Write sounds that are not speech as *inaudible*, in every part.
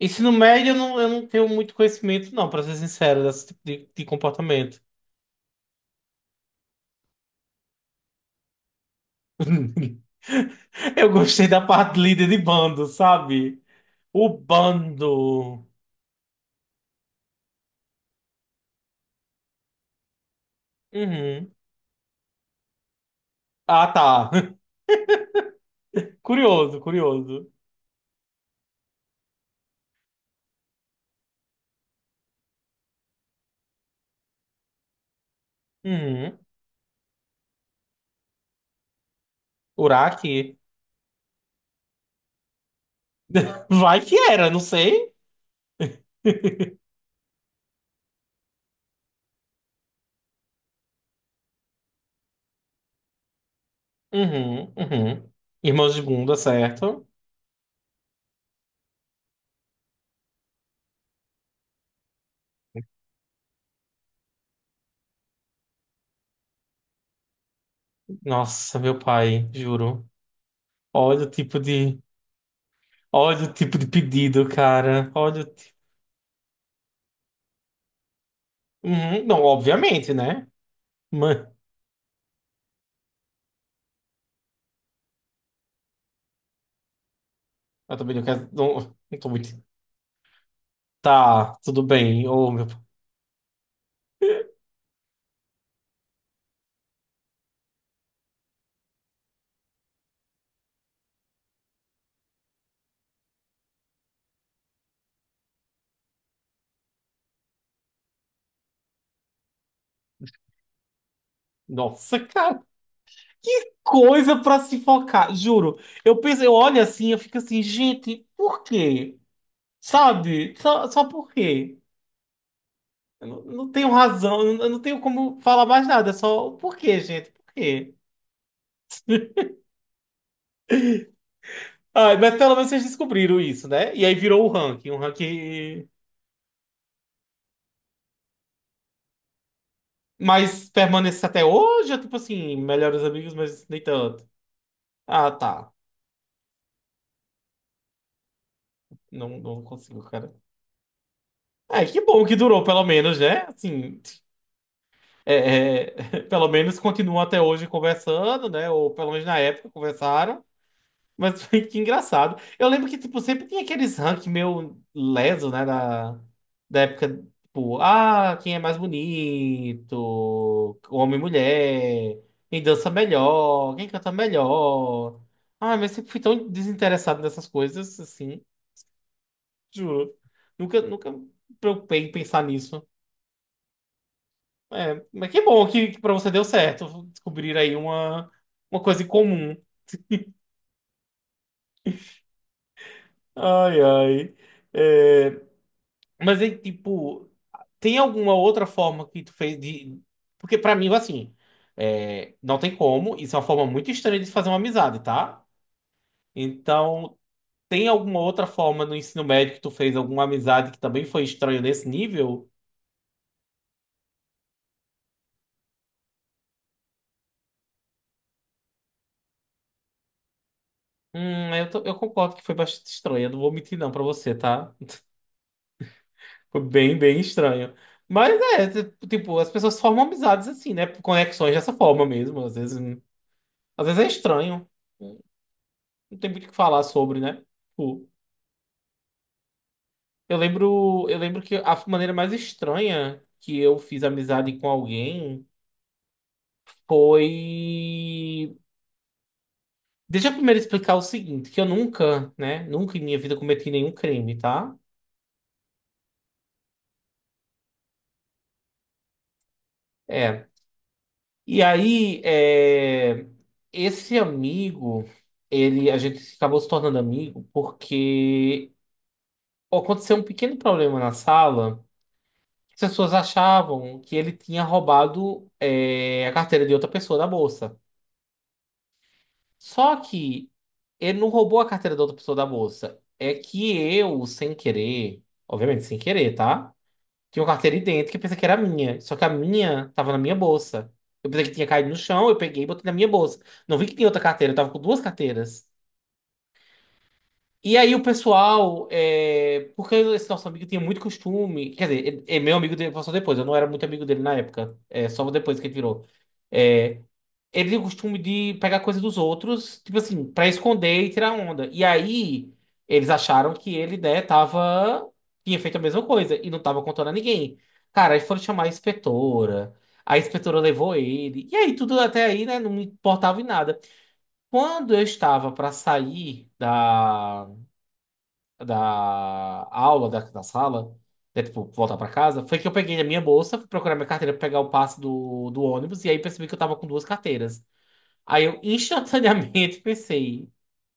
Ensino médio, eu não tenho muito conhecimento, não, pra ser sincero, desse tipo de comportamento. *laughs* Eu gostei da parte de líder de bando, sabe? O bando. Uhum. Ah, tá. *laughs* Curioso, curioso. Uhum. Uraki. *laughs* Vai que era, não sei. Uhum, uhum. Irmãos de bunda, certo? Nossa, meu pai, juro. Olha o tipo de. Olha o tipo de pedido, cara. Olha o tipo. Uhum. Não, obviamente, né? Eu também não quero. Não, não tô muito. Tá, tudo bem. Oh, meu... Nossa, cara, que coisa pra se focar, juro. Eu penso, eu olho assim, eu fico assim, gente, por quê? Sabe? Só, só por quê? Eu não, não tenho razão, eu não tenho como falar mais nada, é só por quê, gente? Por quê? *laughs* Ai, mas pelo menos vocês descobriram isso, né? E aí virou o ranking, um ranking. Mas permanece até hoje, ou tipo assim, melhores amigos, mas nem tanto. Ah, tá. Não, não consigo, cara. Ah, que bom que durou, pelo menos, né? Assim, é, *laughs* pelo menos continuam até hoje conversando, né? Ou pelo menos na época conversaram. Mas *laughs* que engraçado. Eu lembro que, tipo, sempre tinha aqueles ranking meio leso, né? Da, da época, tipo, ah, quem é mais bonito? Homem e mulher. Quem dança melhor? Quem canta melhor? Ah, mas eu sempre fui tão desinteressado nessas coisas, assim, juro. Nunca, nunca me preocupei em pensar nisso. É, mas que bom que para você deu certo descobrir aí uma coisa em comum. Ai, ai. É, mas aí, tipo, tem alguma outra forma que tu fez de. Porque pra mim, assim, é, não tem como. Isso é uma forma muito estranha de se fazer uma amizade, tá? Então, tem alguma outra forma no ensino médio que tu fez alguma amizade que também foi estranha nesse nível? Eu concordo que foi bastante estranha. Não vou mentir, não, pra você, tá? Foi bem, bem estranho. Mas é, tipo, as pessoas formam amizades assim, né? Por conexões dessa forma mesmo. Às vezes é estranho. hum, Não tem muito o que falar sobre, né? Tipo, eu lembro que a maneira mais estranha que eu fiz amizade com alguém foi. Deixa eu primeiro explicar o seguinte, que eu nunca, né? Nunca em minha vida cometi nenhum crime, tá? É, E aí, esse amigo, ele, a gente acabou se tornando amigo porque aconteceu um pequeno problema na sala. As pessoas achavam que ele tinha roubado, a carteira de outra pessoa da bolsa. Só que ele não roubou a carteira da outra pessoa da bolsa. É que eu, sem querer, obviamente sem querer, tá? Tinha uma carteira idêntica que eu pensei que era minha. Só que a minha tava na minha bolsa. Eu pensei que tinha caído no chão, eu peguei e botei na minha bolsa. Não vi que tinha outra carteira, eu tava com duas carteiras. E aí o pessoal, porque esse nosso amigo tinha muito costume, quer dizer, é meu amigo dele passou depois, eu não era muito amigo dele na época, é só depois que ele virou. É, ele tinha o costume de pegar coisa dos outros, tipo assim, pra esconder e tirar onda. E aí eles acharam que ele, né, tinha feito a mesma coisa e não tava contando a ninguém. Cara, aí foram chamar a inspetora levou ele, e aí tudo até aí, né, não me importava em nada. Quando eu estava pra sair da aula, da sala, né, tipo, voltar pra casa, foi que eu peguei a minha bolsa, fui procurar minha carteira pra pegar o passe do ônibus, e aí percebi que eu tava com duas carteiras. Aí eu instantaneamente *laughs* pensei,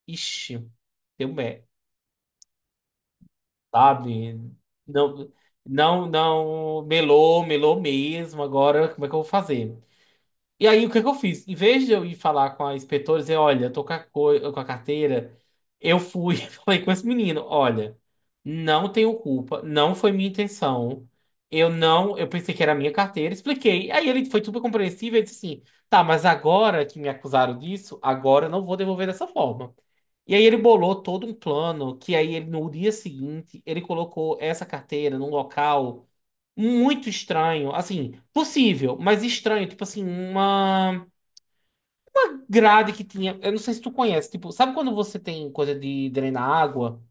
ixi, deu merda, sabe? Não, não, melou, melou mesmo, agora como é que eu vou fazer? E aí, o que é que eu fiz? Em vez de eu ir falar com a inspetora e dizer, olha, eu tô com a carteira, eu fui *laughs* e falei com esse menino, olha, não tenho culpa, não foi minha intenção, eu não, eu pensei que era a minha carteira, expliquei. Aí ele foi super compreensível e disse assim, tá, mas agora que me acusaram disso, agora eu não vou devolver dessa forma. E aí ele bolou todo um plano que aí ele no dia seguinte ele colocou essa carteira num local muito estranho, assim, possível, mas estranho, tipo assim, uma grade que tinha, eu não sei se tu conhece, tipo, sabe quando você tem coisa de drenar água,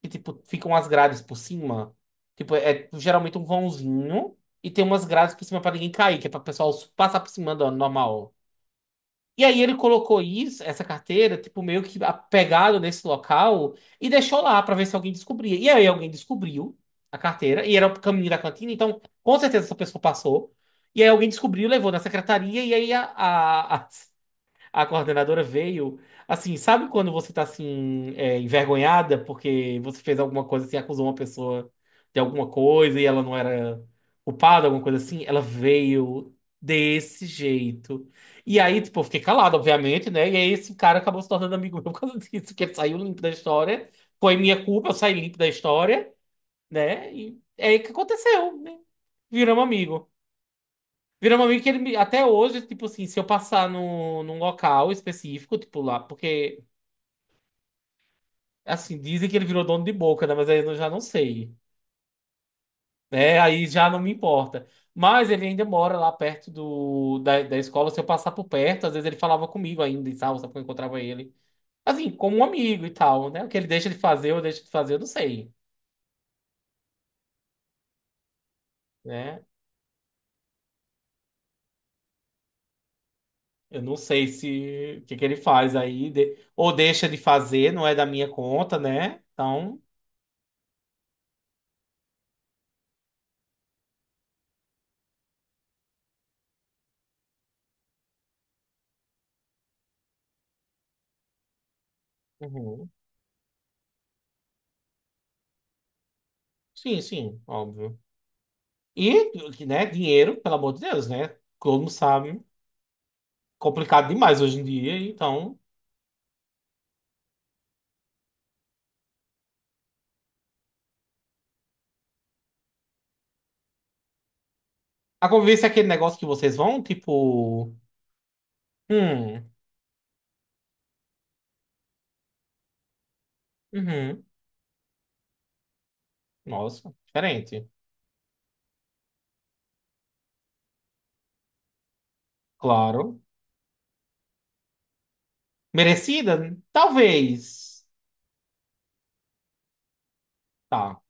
que tipo, ficam as grades por cima? Tipo, é geralmente um vãozinho e tem umas grades por cima pra ninguém cair, que é pra o pessoal passar por cima do normal. E aí ele colocou isso, essa carteira, tipo, meio que pegado nesse local e deixou lá pra ver se alguém descobria. E aí alguém descobriu a carteira, e era o caminho da cantina, então com certeza essa pessoa passou. E aí alguém descobriu, levou na secretaria, e aí a coordenadora veio. Assim, sabe quando você tá assim, é, envergonhada porque você fez alguma coisa assim, acusou uma pessoa de alguma coisa e ela não era culpada, alguma coisa assim? Ela veio desse jeito. E aí, tipo, eu fiquei calado, obviamente, né? E aí esse cara acabou se tornando amigo meu por causa *laughs* disso, porque ele saiu limpo da história. Foi minha culpa, eu saí limpo da história, né? E é aí que aconteceu, né? Viramos amigo. Virou um amigo que até hoje, tipo assim, se eu passar no, num local específico, tipo lá, porque assim, dizem que ele virou dono de boca, né? Mas aí eu já não sei. Né? Aí já não me importa. Mas ele ainda mora lá perto da escola. Se eu passar por perto, às vezes ele falava comigo ainda e tal, sabe? Quando eu encontrava ele. Assim, como um amigo e tal, né? O que ele deixa de fazer, eu deixo de fazer, eu não sei, né? Eu não sei se o que que ele faz aí, ou deixa de fazer, não é da minha conta, né? Então. Uhum. Sim, sim, óbvio. E, que, né, dinheiro, pelo amor de Deus, né? Todo mundo sabe. Complicado demais hoje em dia, então. A convivência é aquele negócio que vocês vão, tipo. Hum, uhum, nossa, diferente. Claro. Merecida? Talvez. Tá.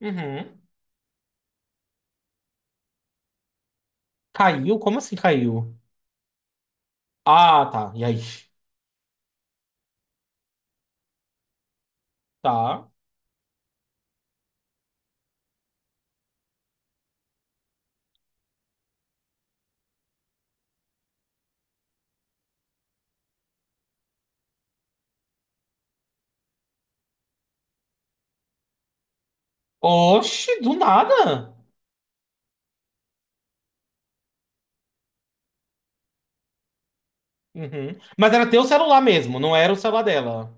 Uhum. Caiu? Como assim caiu? Ah, tá. E aí? Tá. Oxe, do nada. Uhum. Mas era teu celular mesmo, não era o celular dela.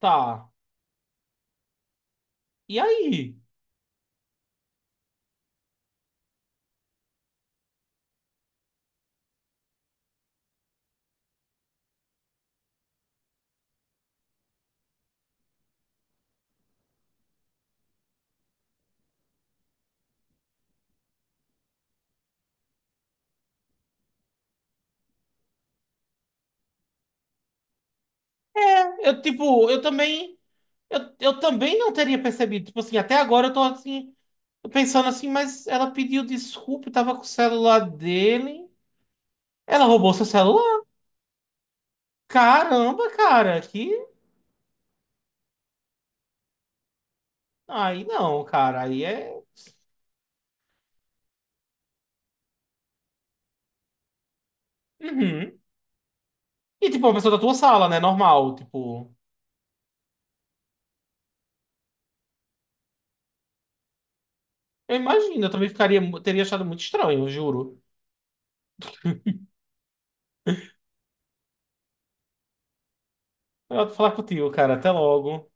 Tá. E aí? Eu, tipo, eu também. Eu também não teria percebido. Tipo assim, até agora eu tô assim, pensando assim, mas ela pediu desculpa, eu tava com o celular dele. Ela roubou seu celular? Caramba, cara, que. Aí não, cara, aí é. Uhum. E tipo, é uma pessoa da tua sala, né? Normal, tipo. Eu imagino, eu também ficaria, teria achado muito estranho, eu juro. Eu vou falar contigo, cara. Até logo.